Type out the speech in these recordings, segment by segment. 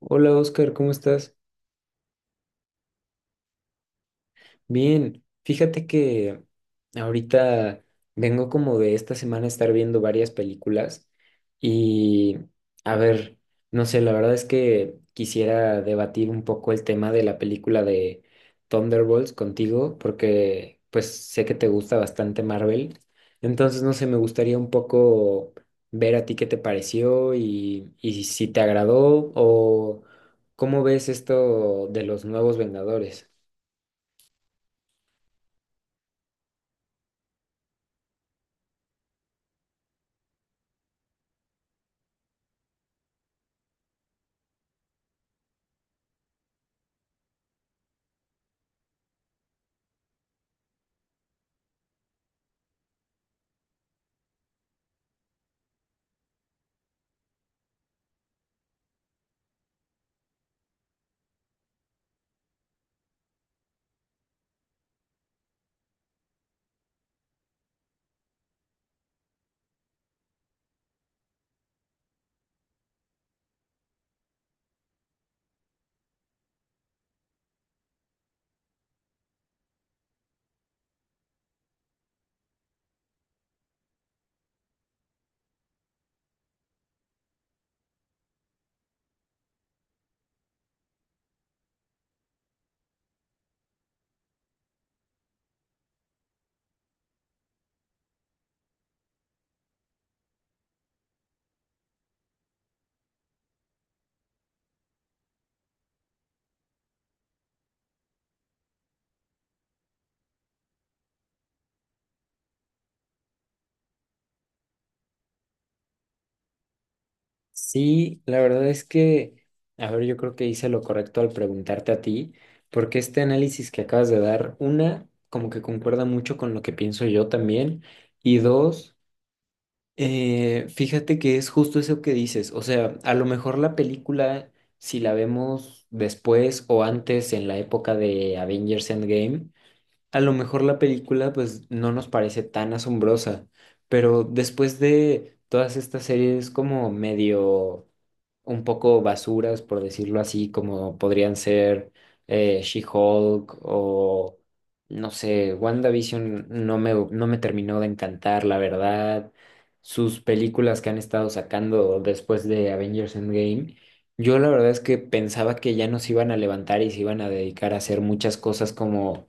Hola Oscar, ¿cómo estás? Bien, fíjate que ahorita vengo como de esta semana estar viendo varias películas y a ver, no sé, la verdad es que quisiera debatir un poco el tema de la película de Thunderbolts contigo porque pues sé que te gusta bastante Marvel, entonces no sé, me gustaría un poco ver a ti qué te pareció y si te agradó o cómo ves esto de los nuevos Vengadores. Sí, la verdad es que, a ver, yo creo que hice lo correcto al preguntarte a ti, porque este análisis que acabas de dar, una, como que concuerda mucho con lo que pienso yo también, y dos, fíjate que es justo eso que dices, o sea, a lo mejor la película, si la vemos después o antes en la época de Avengers Endgame, a lo mejor la película pues no nos parece tan asombrosa, pero después de todas estas series como medio un poco basuras, por decirlo así, como podrían ser She-Hulk o, no sé, WandaVision no me terminó de encantar, la verdad. Sus películas que han estado sacando después de Avengers Endgame, yo la verdad es que pensaba que ya nos iban a levantar y se iban a dedicar a hacer muchas cosas como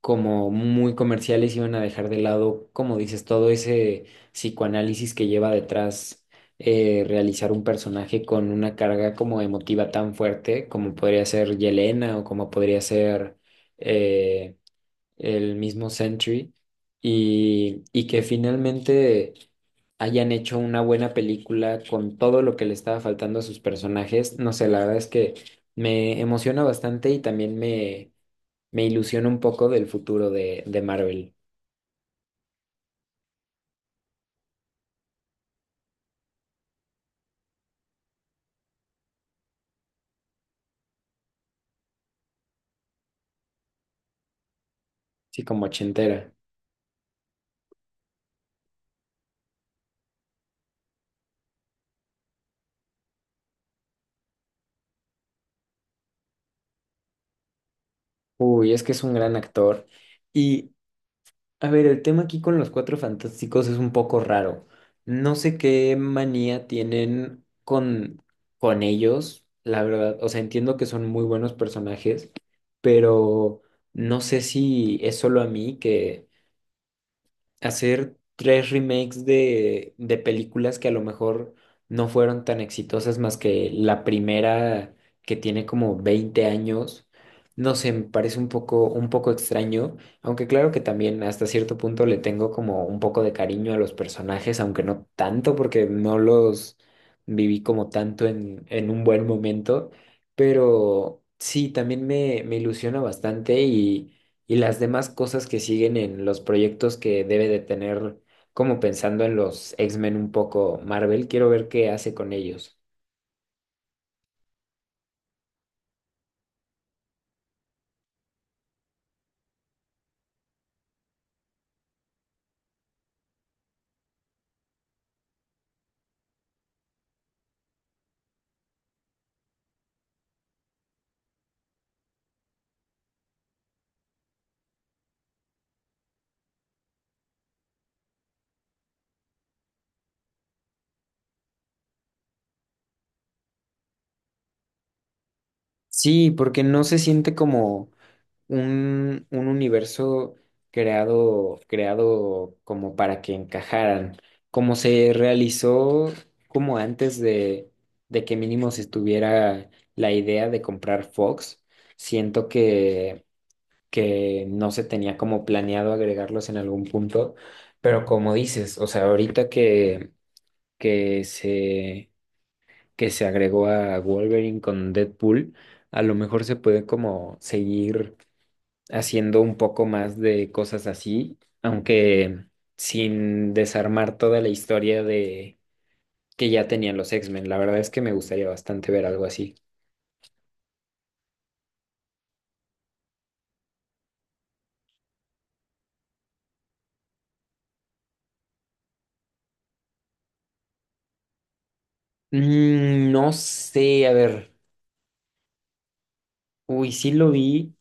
como muy comerciales iban a dejar de lado, como dices, todo ese psicoanálisis que lleva detrás realizar un personaje con una carga como emotiva tan fuerte como podría ser Yelena o como podría ser eh, el mismo Sentry y que finalmente hayan hecho una buena película con todo lo que le estaba faltando a sus personajes. No sé, la verdad es que me emociona bastante y también me ilusiona un poco del futuro de Marvel, sí, como ochentera. Uy, es que es un gran actor. Y, a ver, el tema aquí con los Cuatro Fantásticos es un poco raro. No sé qué manía tienen con ellos, la verdad. O sea, entiendo que son muy buenos personajes, pero no sé si es solo a mí que hacer tres remakes de películas que a lo mejor no fueron tan exitosas más que la primera que tiene como 20 años. No sé, me parece un poco extraño, aunque claro que también hasta cierto punto le tengo como un poco de cariño a los personajes, aunque no tanto porque no los viví como tanto en un buen momento, pero sí, también me ilusiona bastante y las demás cosas que siguen en los proyectos que debe de tener, como pensando en los X-Men un poco Marvel, quiero ver qué hace con ellos. Sí, porque no se siente como un universo creado, creado como para que encajaran, como se realizó como antes de que mínimo se estuviera la idea de comprar Fox. Siento que no se tenía como planeado agregarlos en algún punto, pero como dices, o sea, ahorita que se, que se agregó a Wolverine con Deadpool, a lo mejor se puede como seguir haciendo un poco más de cosas así, aunque sin desarmar toda la historia de que ya tenían los X-Men. La verdad es que me gustaría bastante ver algo así. Mm, no sé, a ver, uy, sí lo vi.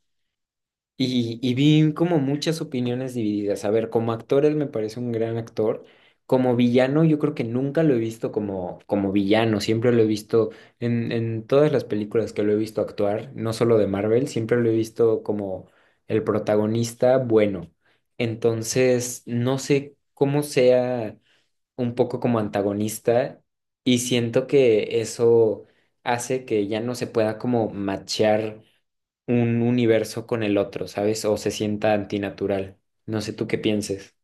Y vi como muchas opiniones divididas. A ver, como actor él me parece un gran actor. Como villano yo creo que nunca lo he visto como, como villano. Siempre lo he visto en todas las películas que lo he visto actuar, no solo de Marvel, siempre lo he visto como el protagonista bueno. Entonces, no sé cómo sea un poco como antagonista y siento que eso hace que ya no se pueda como machear un universo con el otro, ¿sabes? O se sienta antinatural. No sé tú qué pienses.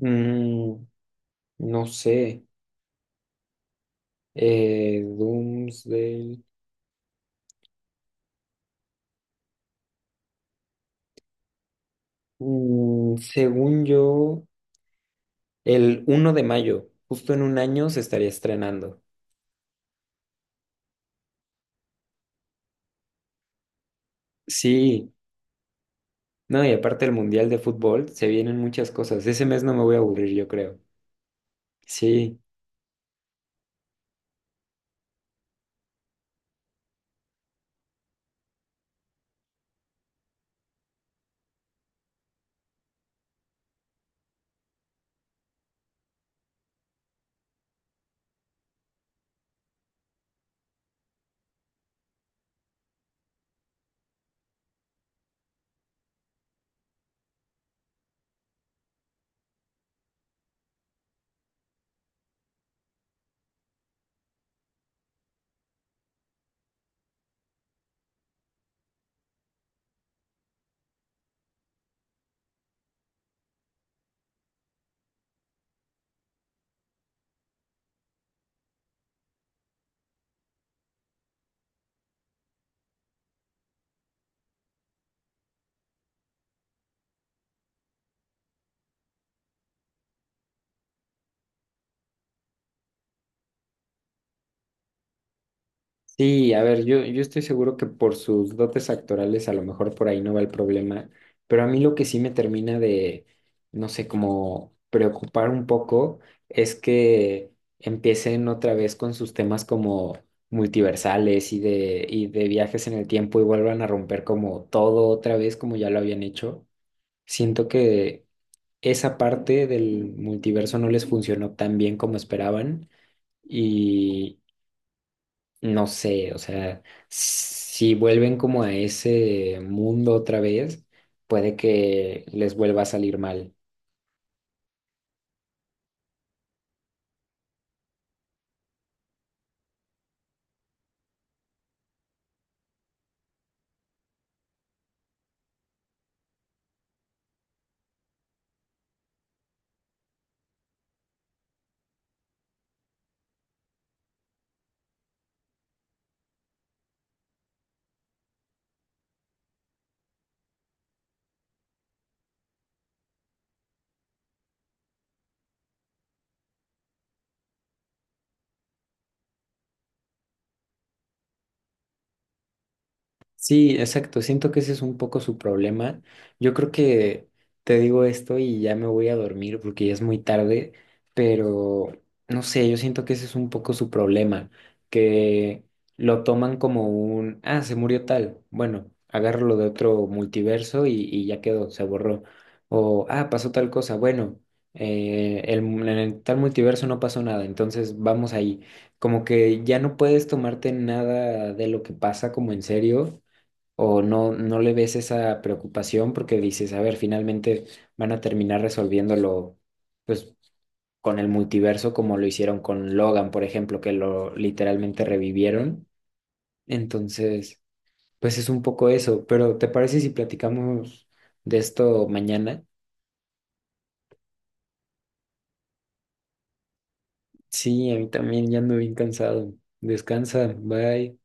Mm, no sé. Doomsday. Mm, según yo, el 1 de mayo, justo en un año, se estaría estrenando. Sí, no, y aparte el Mundial de Fútbol, se vienen muchas cosas. Ese mes no me voy a aburrir, yo creo. Sí. Sí, a ver, yo estoy seguro que por sus dotes actorales a lo mejor por ahí no va el problema, pero a mí lo que sí me termina de, no sé, como preocupar un poco es que empiecen otra vez con sus temas como multiversales y de viajes en el tiempo y vuelvan a romper como todo otra vez como ya lo habían hecho. Siento que esa parte del multiverso no les funcionó tan bien como esperaban no sé, o sea, si vuelven como a ese mundo otra vez, puede que les vuelva a salir mal. Sí, exacto. Siento que ese es un poco su problema. Yo creo que te digo esto y ya me voy a dormir porque ya es muy tarde, pero no sé, yo siento que ese es un poco su problema, que lo toman como un, ah, se murió tal. Bueno, agárralo de otro multiverso y ya quedó, se borró. O, ah, pasó tal cosa. Bueno, en el tal multiverso no pasó nada, entonces vamos ahí como que ya no puedes tomarte nada de lo que pasa como en serio o no le ves esa preocupación porque dices, a ver, finalmente van a terminar resolviéndolo, pues, con el multiverso como lo hicieron con Logan, por ejemplo, que lo literalmente revivieron. Entonces, pues es un poco eso, pero ¿te parece si platicamos de esto mañana? Sí, a mí también ya ando bien cansado. Descansa, bye.